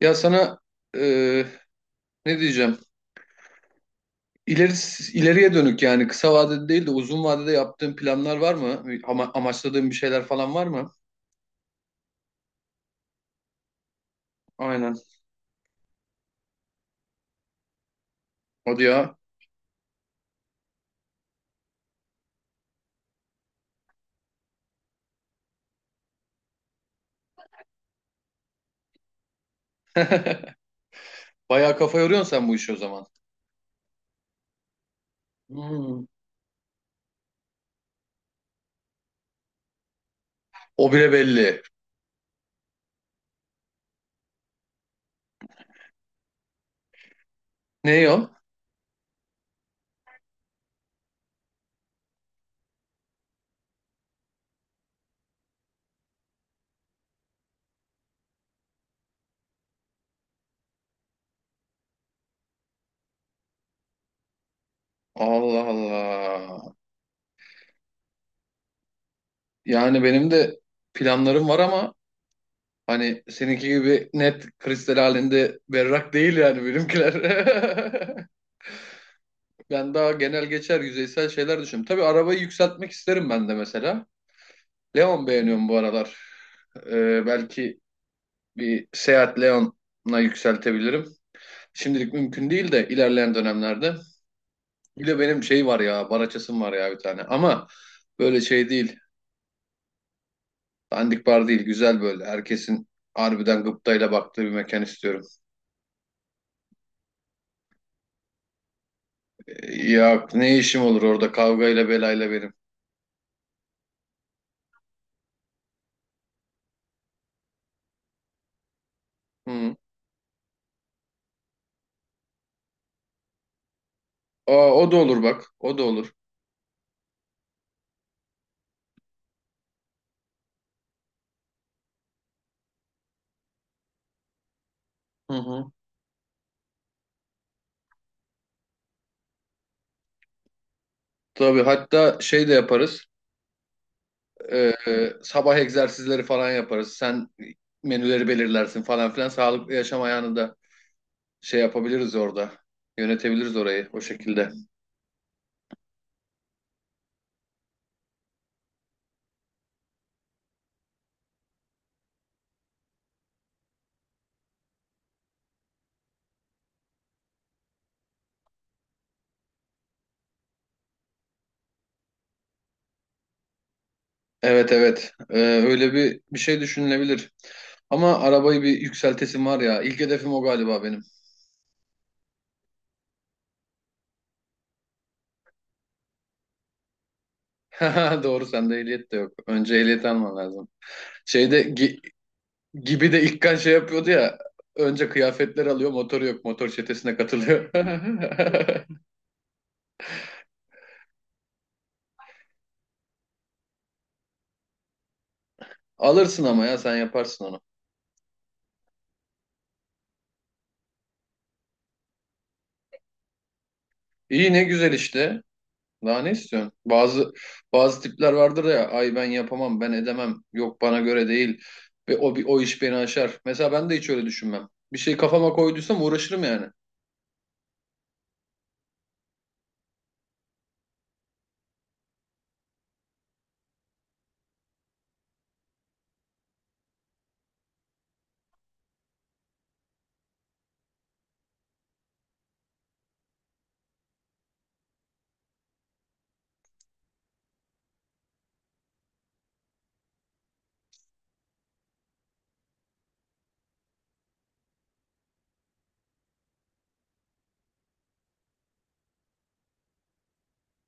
Ya sana e, ne diyeceğim? İleri, ileriye dönük yani kısa vadede değil de uzun vadede yaptığın planlar var mı? Amaçladığın bir şeyler falan var mı? Aynen. Hadi ya. Bayağı kafa yoruyorsun sen bu işi o zaman. Hmm. O bile belli. Ne o? Allah Allah. Yani benim de planlarım var ama hani seninki gibi net kristal halinde berrak değil yani benimkiler. Ben daha genel geçer yüzeysel şeyler düşünüyorum. Tabii arabayı yükseltmek isterim ben de mesela. Leon beğeniyorum bu aralar. Belki bir Seat Leon'a yükseltebilirim. Şimdilik mümkün değil de ilerleyen dönemlerde. Bir de benim şey var ya, Baraçasım var ya bir tane. Ama böyle şey değil, dandik bar değil, güzel böyle. Herkesin harbiden gıptayla baktığı bir mekan istiyorum. Ya ne işim olur orada kavgayla belayla benim. Hı. Aa, o da olur bak, o da olur. Hı hı. Tabii hatta şey de yaparız. Sabah egzersizleri falan yaparız. Sen menüleri belirlersin falan filan. Sağlıklı yaşam ayağını da şey yapabiliriz orada. Yönetebiliriz orayı o şekilde. Evet, evet. Öyle bir şey düşünülebilir. Ama arabayı bir yükseltesim var ya. İlk hedefim o galiba benim. Doğru sende ehliyet de yok. Önce ehliyet alman lazım. Şeyde gi- gibi de İlkan şey yapıyordu ya. Önce kıyafetler alıyor, motoru yok. Motor çetesine katılıyor. Alırsın ama ya sen yaparsın onu. İyi ne güzel işte. Daha ne istiyorsun? Bazı tipler vardır ya ay ben yapamam ben edemem yok bana göre değil ve o bir o iş beni aşar. Mesela ben de hiç öyle düşünmem. Bir şey kafama koyduysam uğraşırım yani.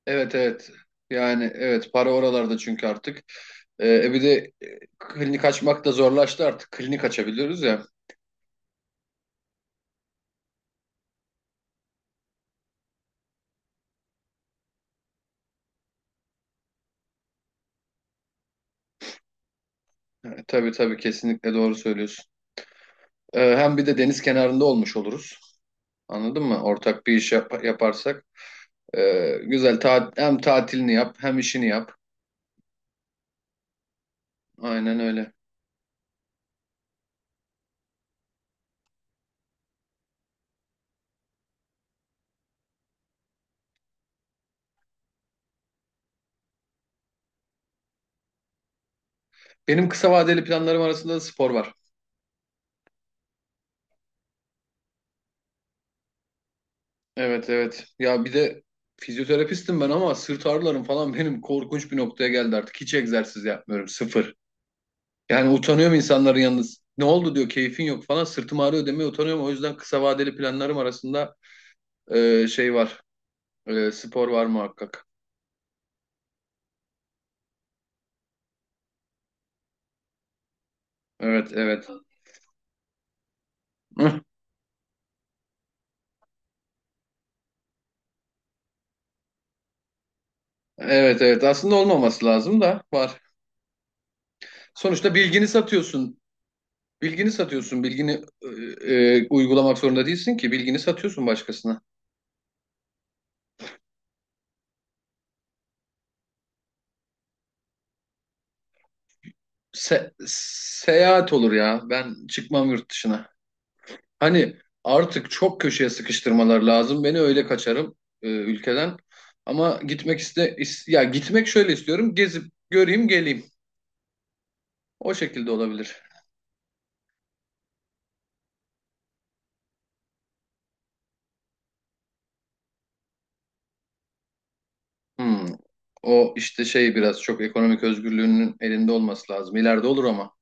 Evet, evet, yani evet para oralarda çünkü artık. Bir de klinik açmak da zorlaştı artık klinik açabiliyoruz ya. Yani, tabii tabii kesinlikle doğru söylüyorsun. Hem bir de deniz kenarında olmuş oluruz. Anladın mı? Ortak bir iş yaparsak. Güzel hem tatilini yap hem işini yap. Aynen öyle. Benim kısa vadeli planlarım arasında da spor var. Evet, evet. Ya bir de fizyoterapistim ben ama sırt ağrılarım falan benim korkunç bir noktaya geldi artık. Hiç egzersiz yapmıyorum. Sıfır. Yani utanıyorum insanların yalnız. Ne oldu diyor keyfin yok falan. Sırtım ağrıyor demeye utanıyorum. O yüzden kısa vadeli planlarım arasında şey var. Spor var muhakkak. Evet, evet. Hıh. Evet, evet. Aslında olmaması lazım da var. Sonuçta bilgini satıyorsun. Bilgini satıyorsun, bilgini uygulamak zorunda değilsin ki. Bilgini satıyorsun başkasına. Se- seyahat olur ya. Ben çıkmam yurt dışına. Hani artık çok köşeye sıkıştırmalar lazım. Beni öyle kaçarım ülkeden. Ama ya gitmek şöyle istiyorum. Gezip göreyim, geleyim. O şekilde olabilir. Hmm. O işte şey biraz çok ekonomik özgürlüğünün elinde olması lazım. İleride olur ama.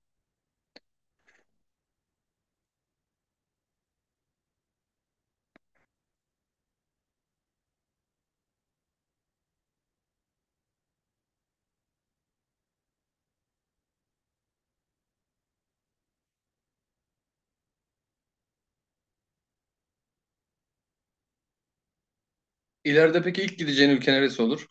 İleride peki ilk gideceğin ülke neresi olur?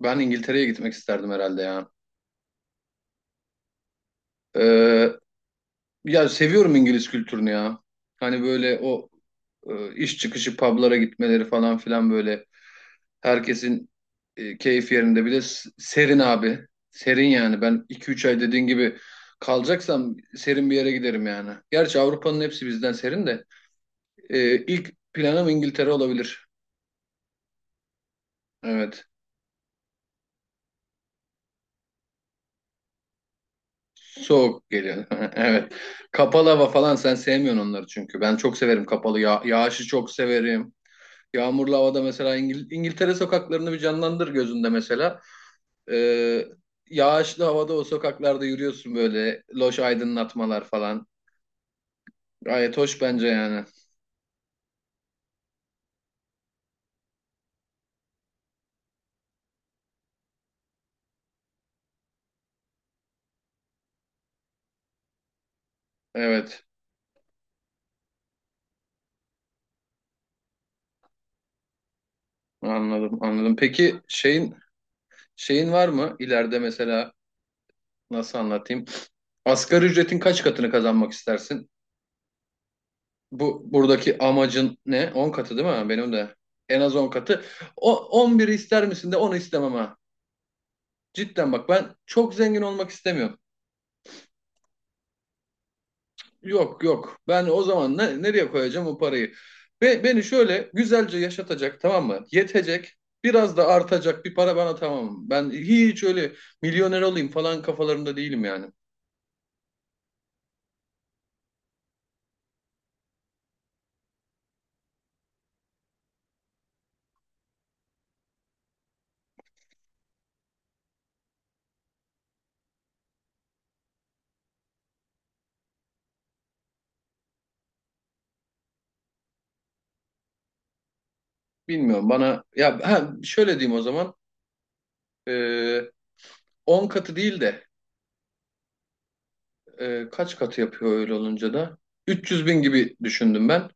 Ben İngiltere'ye gitmek isterdim herhalde ya. Ee, Ya seviyorum İngiliz kültürünü ya. Hani böyle o iş çıkışı publara gitmeleri falan filan böyle herkesin keyif yerinde. Bir de serin abi. Serin yani. Ben 2-3 ay dediğin gibi kalacaksam serin bir yere giderim yani. Gerçi Avrupa'nın hepsi bizden serin de. E, ilk planım İngiltere olabilir. Evet. Soğuk geliyor. Evet. Kapalı hava falan sen sevmiyorsun onları çünkü. Ben çok severim kapalı. Ya yağışı çok severim. Yağmurlu havada mesela İngiltere sokaklarını bir canlandır gözünde mesela. Ee, yağışlı havada o sokaklarda yürüyorsun böyle. Loş aydınlatmalar falan. Gayet hoş bence yani. Evet. Anladım, anladım. Peki şeyin var mı ileride mesela nasıl anlatayım? Asgari ücretin kaç katını kazanmak istersin? Bu buradaki amacın ne? 10 katı değil mi? Benim de en az 10 katı. O 11'i ister misin de onu istemem ha. Cidden bak ben çok zengin olmak istemiyorum. Yok, yok. Ben o zaman ne, nereye koyacağım o parayı? Ve beni şöyle güzelce yaşatacak tamam mı? Yetecek. Biraz da artacak bir para bana tamam. Ben hiç öyle milyoner olayım falan kafalarında değilim yani. Bilmiyorum bana ya ha, şöyle diyeyim o zaman. Ee, 10 katı değil de kaç katı yapıyor öyle olunca da? 300 bin gibi düşündüm ben.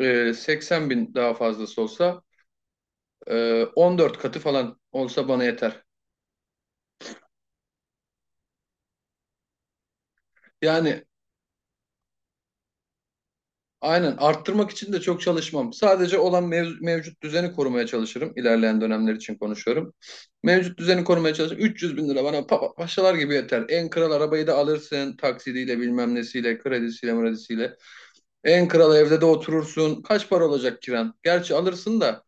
80 bin daha fazlası olsa 14 katı falan olsa bana yeter. Yani aynen arttırmak için de çok çalışmam. Sadece olan mevcut düzeni korumaya çalışırım. İlerleyen dönemler için konuşuyorum. Mevcut düzeni korumaya çalışırım. 300 bin lira bana paşalar gibi yeter. En kral arabayı da alırsın taksidiyle bilmem nesiyle kredisiyle mredisiyle. En kral evde de oturursun. Kaç para olacak kiran? Gerçi alırsın da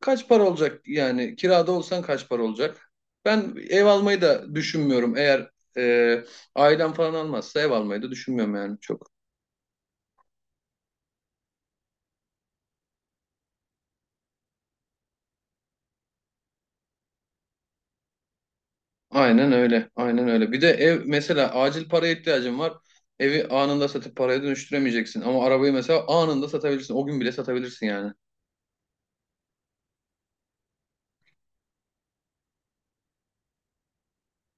kaç para olacak yani kirada olsan kaç para olacak? Ben ev almayı da düşünmüyorum. Eğer e, ailem falan almazsa ev almayı da düşünmüyorum yani çok. Aynen öyle. Aynen öyle. Bir de ev mesela acil paraya ihtiyacın var. Evi anında satıp paraya dönüştüremeyeceksin. Ama arabayı mesela anında satabilirsin. O gün bile satabilirsin yani.